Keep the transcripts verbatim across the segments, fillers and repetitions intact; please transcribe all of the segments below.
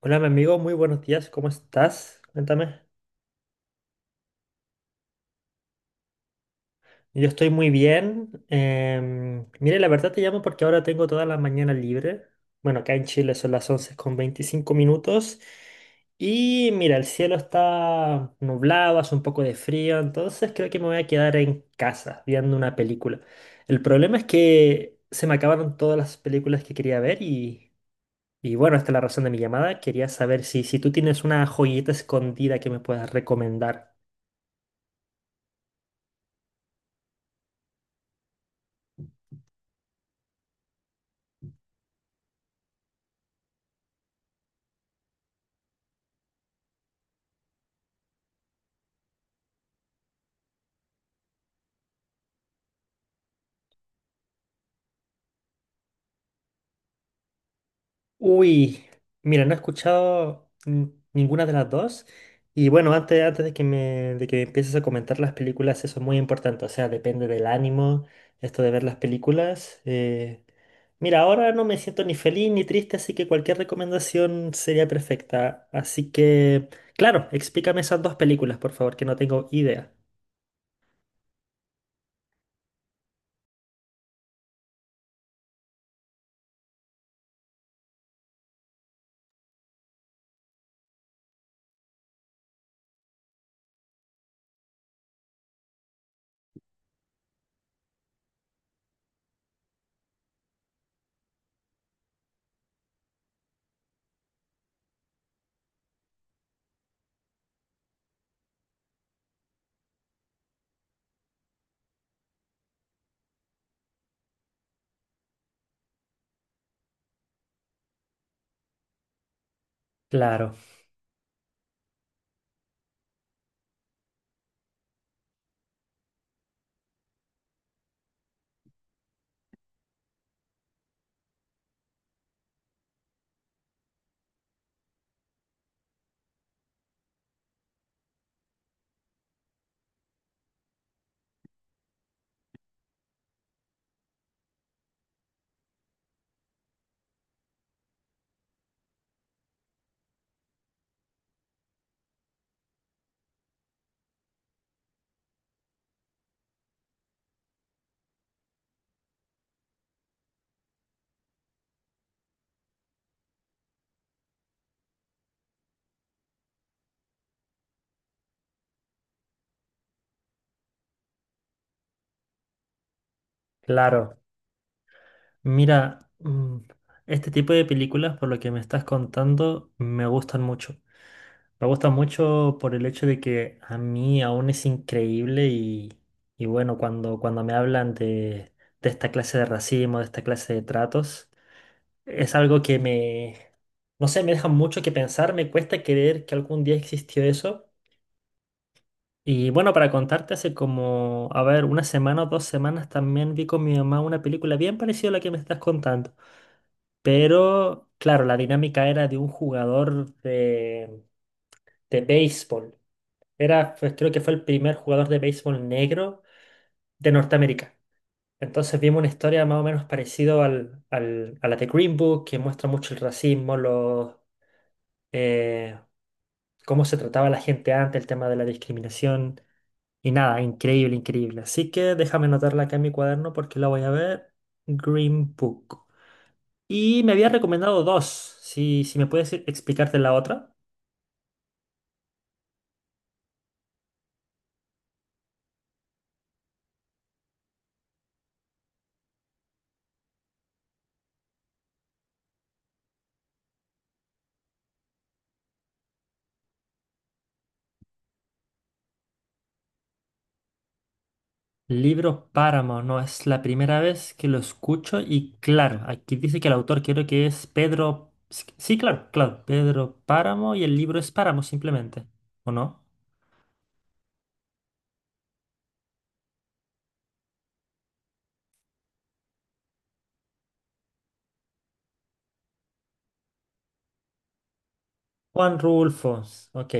Hola, mi amigo, muy buenos días, ¿cómo estás? Cuéntame. Yo estoy muy bien. Em, mire, la verdad te llamo porque ahora tengo toda la mañana libre. Bueno, acá en Chile son las once con veinticinco minutos. Y mira, el cielo está nublado, hace un poco de frío, entonces creo que me voy a quedar en casa viendo una película. El problema es que se me acabaron todas las películas que quería ver y, y bueno, esta es la razón de mi llamada. Quería saber si, si tú tienes una joyita escondida que me puedas recomendar. Uy, mira, no he escuchado n- ninguna de las dos. Y bueno, antes, antes de que me, de que empieces a comentar las películas, eso es muy importante. O sea, depende del ánimo, esto de ver las películas. Eh, mira, ahora no me siento ni feliz ni triste, así que cualquier recomendación sería perfecta. Así que, claro, explícame esas dos películas, por favor, que no tengo idea. Claro, claro. Mira, mm, este tipo de películas, por lo que me estás contando, me gustan mucho. Me gusta mucho por el hecho de que a mí aún es increíble y, y bueno, cuando, cuando me hablan de, de esta clase de racismo, de esta clase de tratos, es algo que me, no sé, me deja mucho que pensar, me cuesta creer que algún día existió eso. Y bueno, para contarte, hace como, a ver, una semana o dos semanas también vi con mi mamá una película bien parecida a la que me estás contando. Pero, claro, la dinámica era de un jugador de, de béisbol. Era, pues, creo que fue el primer jugador de béisbol negro de Norteamérica. Entonces vimos una historia más o menos parecida al, al- a la de Green Book, que muestra mucho el racismo, los, eh, cómo se trataba a la gente antes, el tema de la discriminación. Y nada, increíble, increíble. Así que déjame anotarla acá en mi cuaderno porque la voy a ver. Green Book. Y me había recomendado dos. Si, si me puedes explicarte la otra. Libro Páramo, no es la primera vez que lo escucho y claro, aquí dice que el autor creo que es Pedro... Sí, sí, claro, claro, Pedro Páramo y el libro es Páramo simplemente, ¿o no? Juan Rulfo, ok.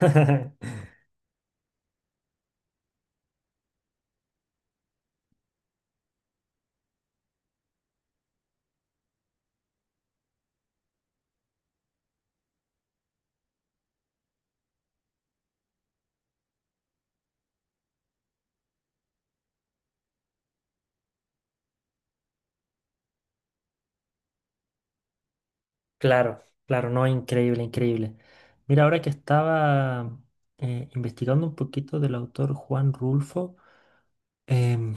Claro, claro, no, increíble, increíble. Mira, ahora que estaba eh, investigando un poquito del autor Juan Rulfo, em,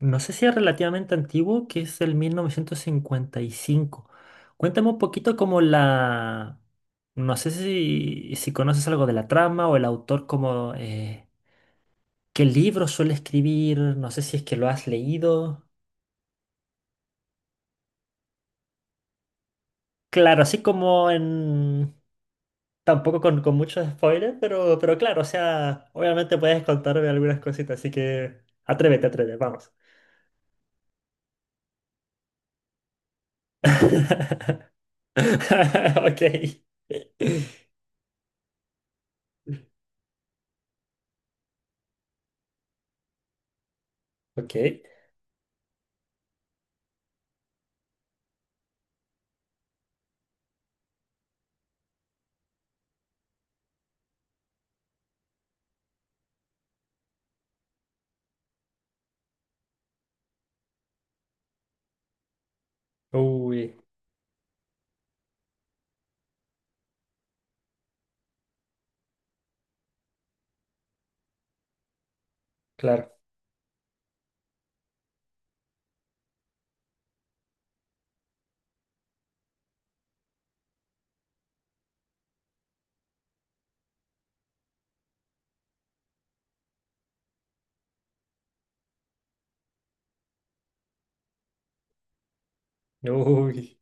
no sé si es relativamente antiguo, que es el mil novecientos cincuenta y cinco. Cuéntame un poquito como la... No sé si, si conoces algo de la trama o el autor, como eh, qué libro suele escribir, no sé si es que lo has leído. Claro, así como en... Tampoco con, con muchos spoilers, pero, pero claro, o sea, obviamente puedes contarme algunas cositas, así que atrévete, atrévete, vamos. Ok. Ok. Uy, claro. Uy,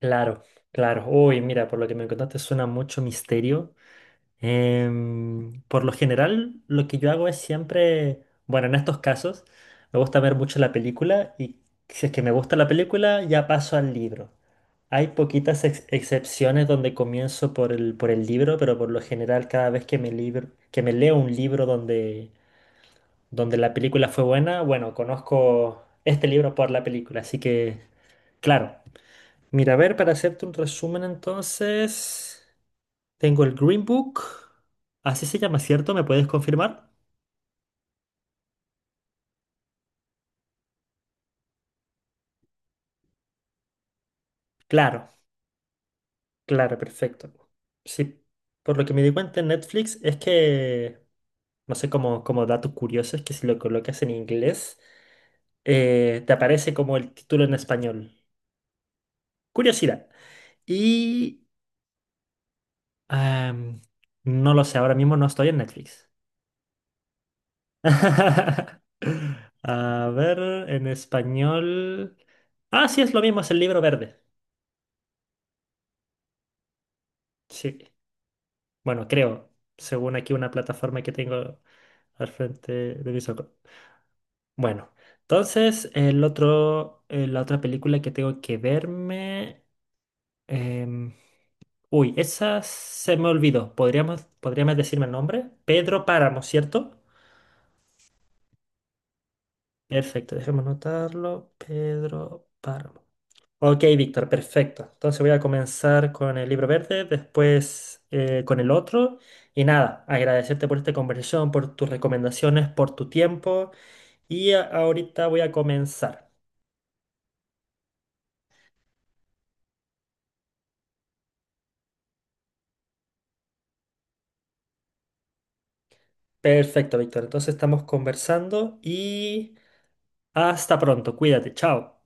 claro, claro. Uy, mira, por lo que me contaste suena mucho misterio. Em, por lo general, lo que yo hago es siempre, bueno, en estos casos, me gusta ver mucho la película y si es que me gusta la película, ya paso al libro. Hay poquitas ex- excepciones donde comienzo por el, por el libro, pero por lo general cada vez que me, libro, que me leo un libro donde, donde la película fue buena, bueno, conozco este libro por la película, así que... Claro. Mira, a ver, para hacerte un resumen entonces, tengo el Green Book. Así se llama, ¿cierto? ¿Me puedes confirmar? Claro, claro, perfecto. Sí, por lo que me di cuenta en Netflix es que, no sé, como, como datos curiosos, que si lo colocas en inglés, eh, te aparece como el título en español. Curiosidad. Y... am, no lo sé, ahora mismo no estoy en Netflix. A ver, en español. Ah, sí, es lo mismo, es el libro verde. Sí. Bueno, creo, según aquí una plataforma que tengo al frente de mis ojos. Bueno, entonces el otro, eh, la otra película que tengo que verme. em, Uy, esa se me olvidó. ¿Podríamos, podríamos decirme el nombre? Pedro Páramo, ¿cierto? Perfecto, déjame anotarlo. Pedro Páramo. Ok, Víctor, perfecto. Entonces voy a comenzar con el libro verde, después eh, con el otro. Y nada, agradecerte por esta conversación, por tus recomendaciones, por tu tiempo. Y a- ahorita voy a comenzar. Perfecto, Víctor. Entonces estamos conversando y hasta pronto. Cuídate, chao.